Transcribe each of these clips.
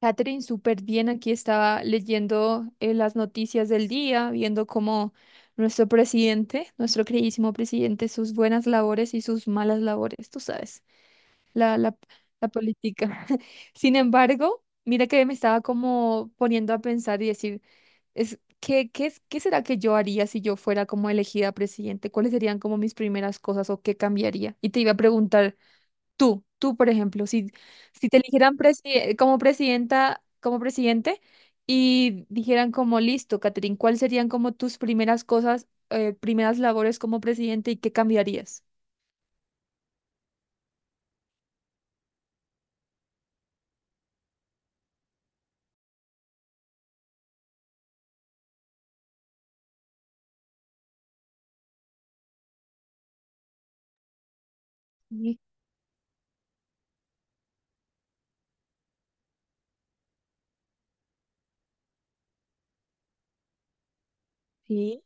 Catherine, súper bien. Aquí estaba leyendo las noticias del día, viendo cómo nuestro presidente, nuestro queridísimo presidente, sus buenas labores y sus malas labores, tú sabes, la, la, la política. Sin embargo, mira que me estaba como poniendo a pensar y decir, ¿qué será que yo haría si yo fuera como elegida presidente? ¿Cuáles serían como mis primeras cosas o qué cambiaría? Y te iba a preguntar. Tú, por ejemplo, si te eligieran como presidenta, como presidente y dijeran como listo, Catherine, ¿cuáles serían como tus primeras cosas, primeras labores como presidente y qué cambiarías? Sí, sí.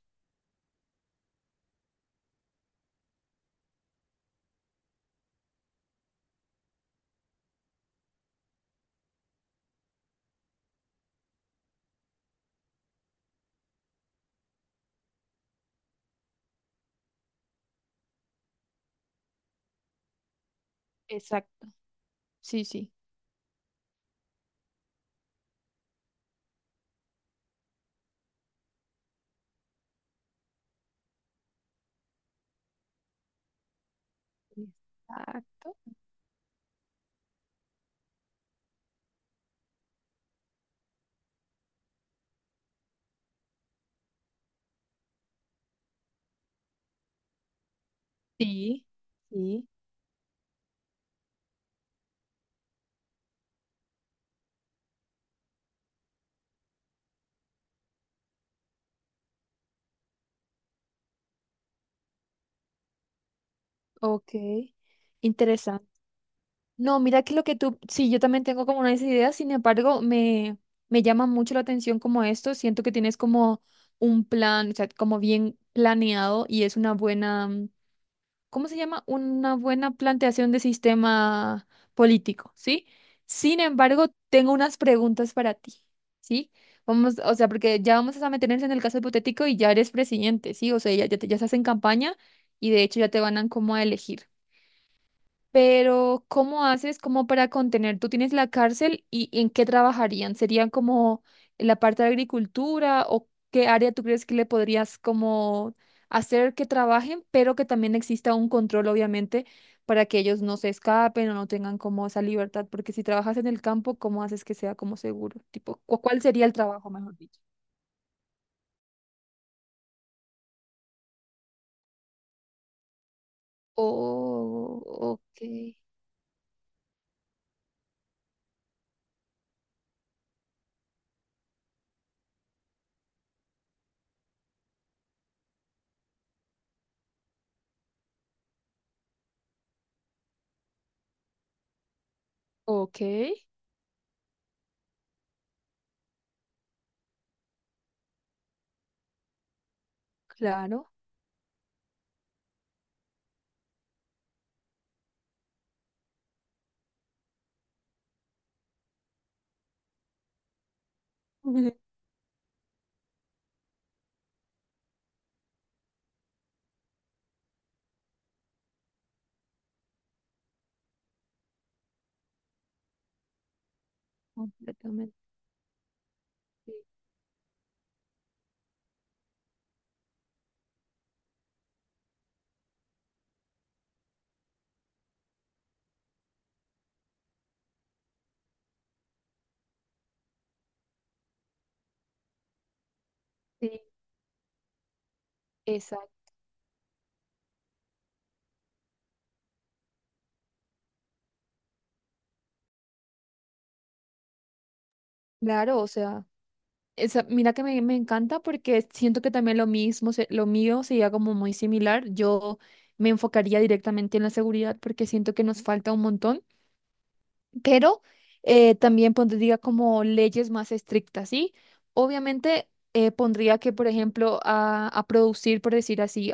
Exacto. Sí, sí, exacto. Sí. Sí. Ok, interesante. No, mira que lo que tú, sí, yo también tengo como unas ideas. Sin embargo, me llama mucho la atención como esto, siento que tienes como un plan, o sea, como bien planeado y es una buena, ¿cómo se llama? Una buena planteación de sistema político, ¿sí? Sin embargo, tengo unas preguntas para ti, ¿sí? Vamos, o sea, porque ya vamos a meternos en el caso hipotético y ya eres presidente, ¿sí? O sea, ya estás en campaña y de hecho ya te van a como a elegir. Pero, ¿cómo haces como para contener? ¿Tú tienes la cárcel y en qué trabajarían? ¿Serían como en la parte de agricultura o qué área tú crees que le podrías como hacer que trabajen, pero que también exista un control, obviamente, para que ellos no se escapen o no tengan como esa libertad? Porque si trabajas en el campo, ¿cómo haces que sea como seguro? Tipo, ¿cuál sería el trabajo, mejor dicho? Oh, ok. Ok, claro. Completamente. Sí, sí. Claro, o sea, esa, mira que me encanta porque siento que también lo mismo, lo mío sería como muy similar. Yo me enfocaría directamente en la seguridad porque siento que nos falta un montón, pero también pondría como leyes más estrictas, ¿sí? Obviamente pondría que, por ejemplo, a producir, por decir así,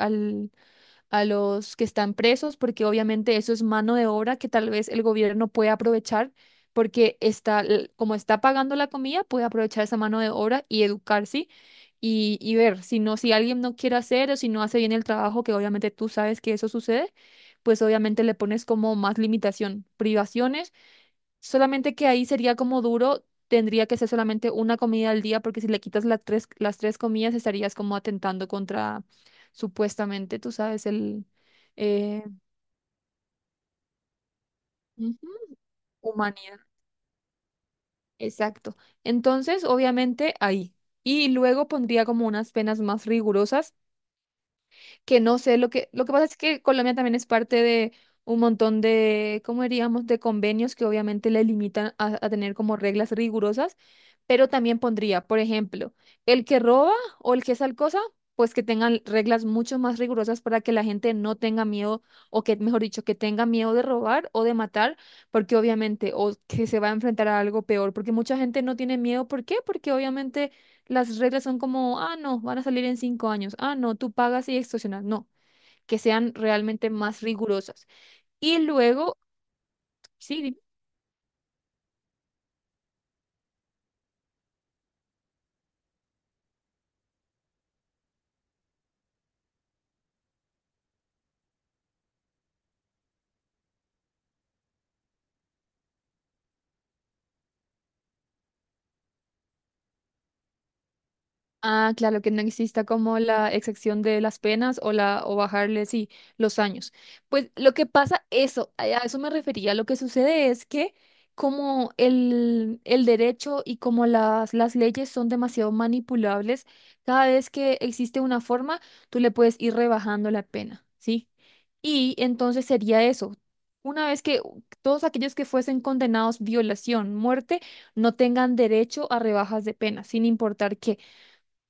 a los que están presos, porque obviamente eso es mano de obra que tal vez el gobierno puede aprovechar, porque está, como está pagando la comida, puede aprovechar esa mano de obra y educarse y ver si no, si alguien no quiere hacer o si no hace bien el trabajo, que obviamente tú sabes que eso sucede, pues obviamente le pones como más limitación, privaciones. Solamente que ahí sería como duro, tendría que ser solamente una comida al día, porque si le quitas las tres comidas estarías como atentando contra, supuestamente, tú sabes, el eh, ujú, humanidad. Exacto. Entonces, obviamente, ahí. Y luego pondría como unas penas más rigurosas que no sé, lo que pasa es que Colombia también es parte de un montón de, ¿cómo diríamos?, de convenios que obviamente le limitan a tener como reglas rigurosas, pero también pondría, por ejemplo, el que roba o el que es cosa, pues que tengan reglas mucho más rigurosas para que la gente no tenga miedo, o que, mejor dicho, que tenga miedo de robar o de matar, porque obviamente, o que se va a enfrentar a algo peor, porque mucha gente no tiene miedo, ¿por qué? Porque obviamente las reglas son como, ah, no, van a salir en 5 años, ah, no, tú pagas y extorsionas. No, que sean realmente más rigurosas. Y luego, sí. Ah, claro, que no exista como la exacción de las penas o la o bajarle sí los años. Pues lo que pasa, eso, a eso me refería. Lo que sucede es que como el derecho y como las leyes son demasiado manipulables, cada vez que existe una forma, tú le puedes ir rebajando la pena, ¿sí? Y entonces sería eso. Una vez que todos aquellos que fuesen condenados violación, muerte, no tengan derecho a rebajas de pena, sin importar qué.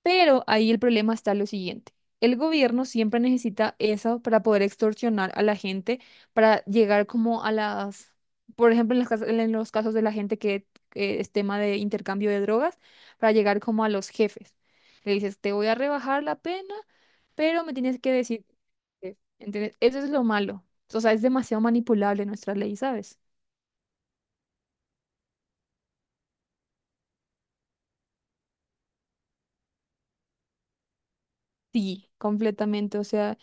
Pero ahí el problema está lo siguiente. El gobierno siempre necesita eso para poder extorsionar a la gente, para llegar como a las, por ejemplo, en los casos de la gente que es tema de intercambio de drogas, para llegar como a los jefes. Le dices, te voy a rebajar la pena, pero me tienes que decir, que-". ¿Entendés? Eso es lo malo. O sea, es demasiado manipulable nuestra ley, ¿sabes? Sí, completamente. O sea...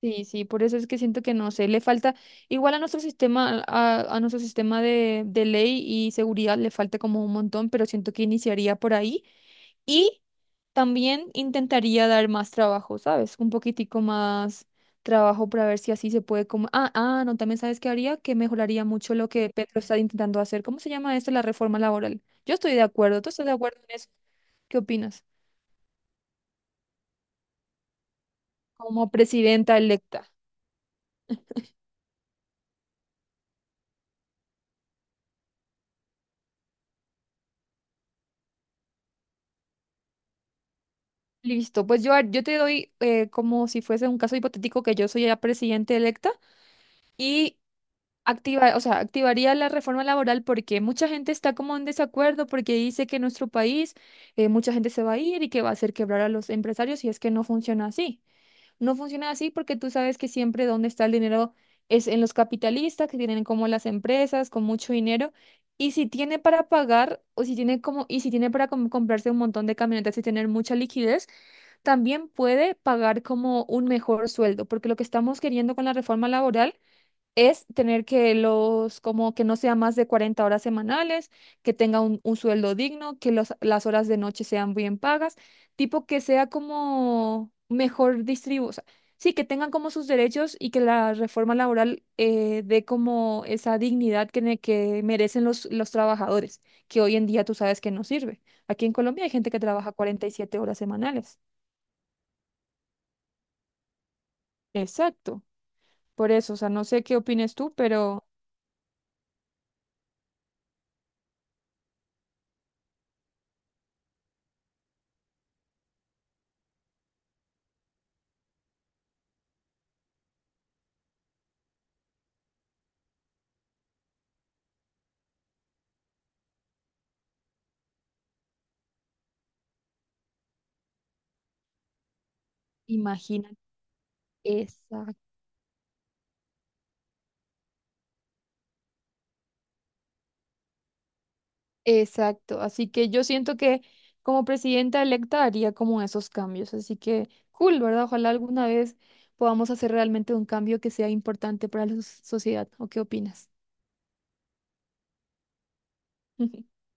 Sí, sí, por eso es que siento que no sé, le falta, igual a nuestro sistema, a nuestro sistema de ley y seguridad le falta como un montón, pero siento que iniciaría por ahí y también intentaría dar más trabajo, ¿sabes? Un poquitico más trabajo para ver si así se puede como, ah, ah, no, también sabes qué haría, que mejoraría mucho lo que Petro está intentando hacer. ¿Cómo se llama esto? La reforma laboral. Yo estoy de acuerdo, ¿tú estás de acuerdo en eso? ¿Qué opinas? Como presidenta electa. Listo, pues yo te doy como si fuese un caso hipotético que yo soy la presidenta electa y activa, o sea, activaría la reforma laboral porque mucha gente está como en desacuerdo porque dice que en nuestro país mucha gente se va a ir y que va a hacer quebrar a los empresarios si es que no funciona así. No funciona así porque tú sabes que siempre donde está el dinero es en los capitalistas, que tienen como las empresas con mucho dinero. Y si tiene para pagar o si tiene como, y si tiene para comprarse un montón de camionetas y tener mucha liquidez, también puede pagar como un mejor sueldo, porque lo que estamos queriendo con la reforma laboral es tener que los, como que no sea más de 40 horas semanales, que tenga un sueldo digno, que las horas de noche sean bien pagas, tipo que sea como mejor distribuido, o sea, sí, que tengan como sus derechos y que la reforma laboral dé como esa dignidad que merecen los trabajadores, que hoy en día tú sabes que no sirve. Aquí en Colombia hay gente que trabaja 47 horas semanales. Exacto. Por eso, o sea, no sé qué opines tú, pero imagínate. Exacto. Exacto, así que yo siento que como presidenta electa haría como esos cambios, así que cool, ¿verdad? Ojalá alguna vez podamos hacer realmente un cambio que sea importante para la sociedad, ¿o qué opinas?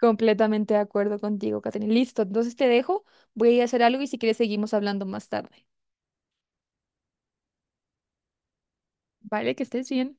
Completamente de acuerdo contigo, Catherine. Listo, entonces te dejo, voy a ir a hacer algo y si quieres seguimos hablando más tarde. Vale, que estés bien.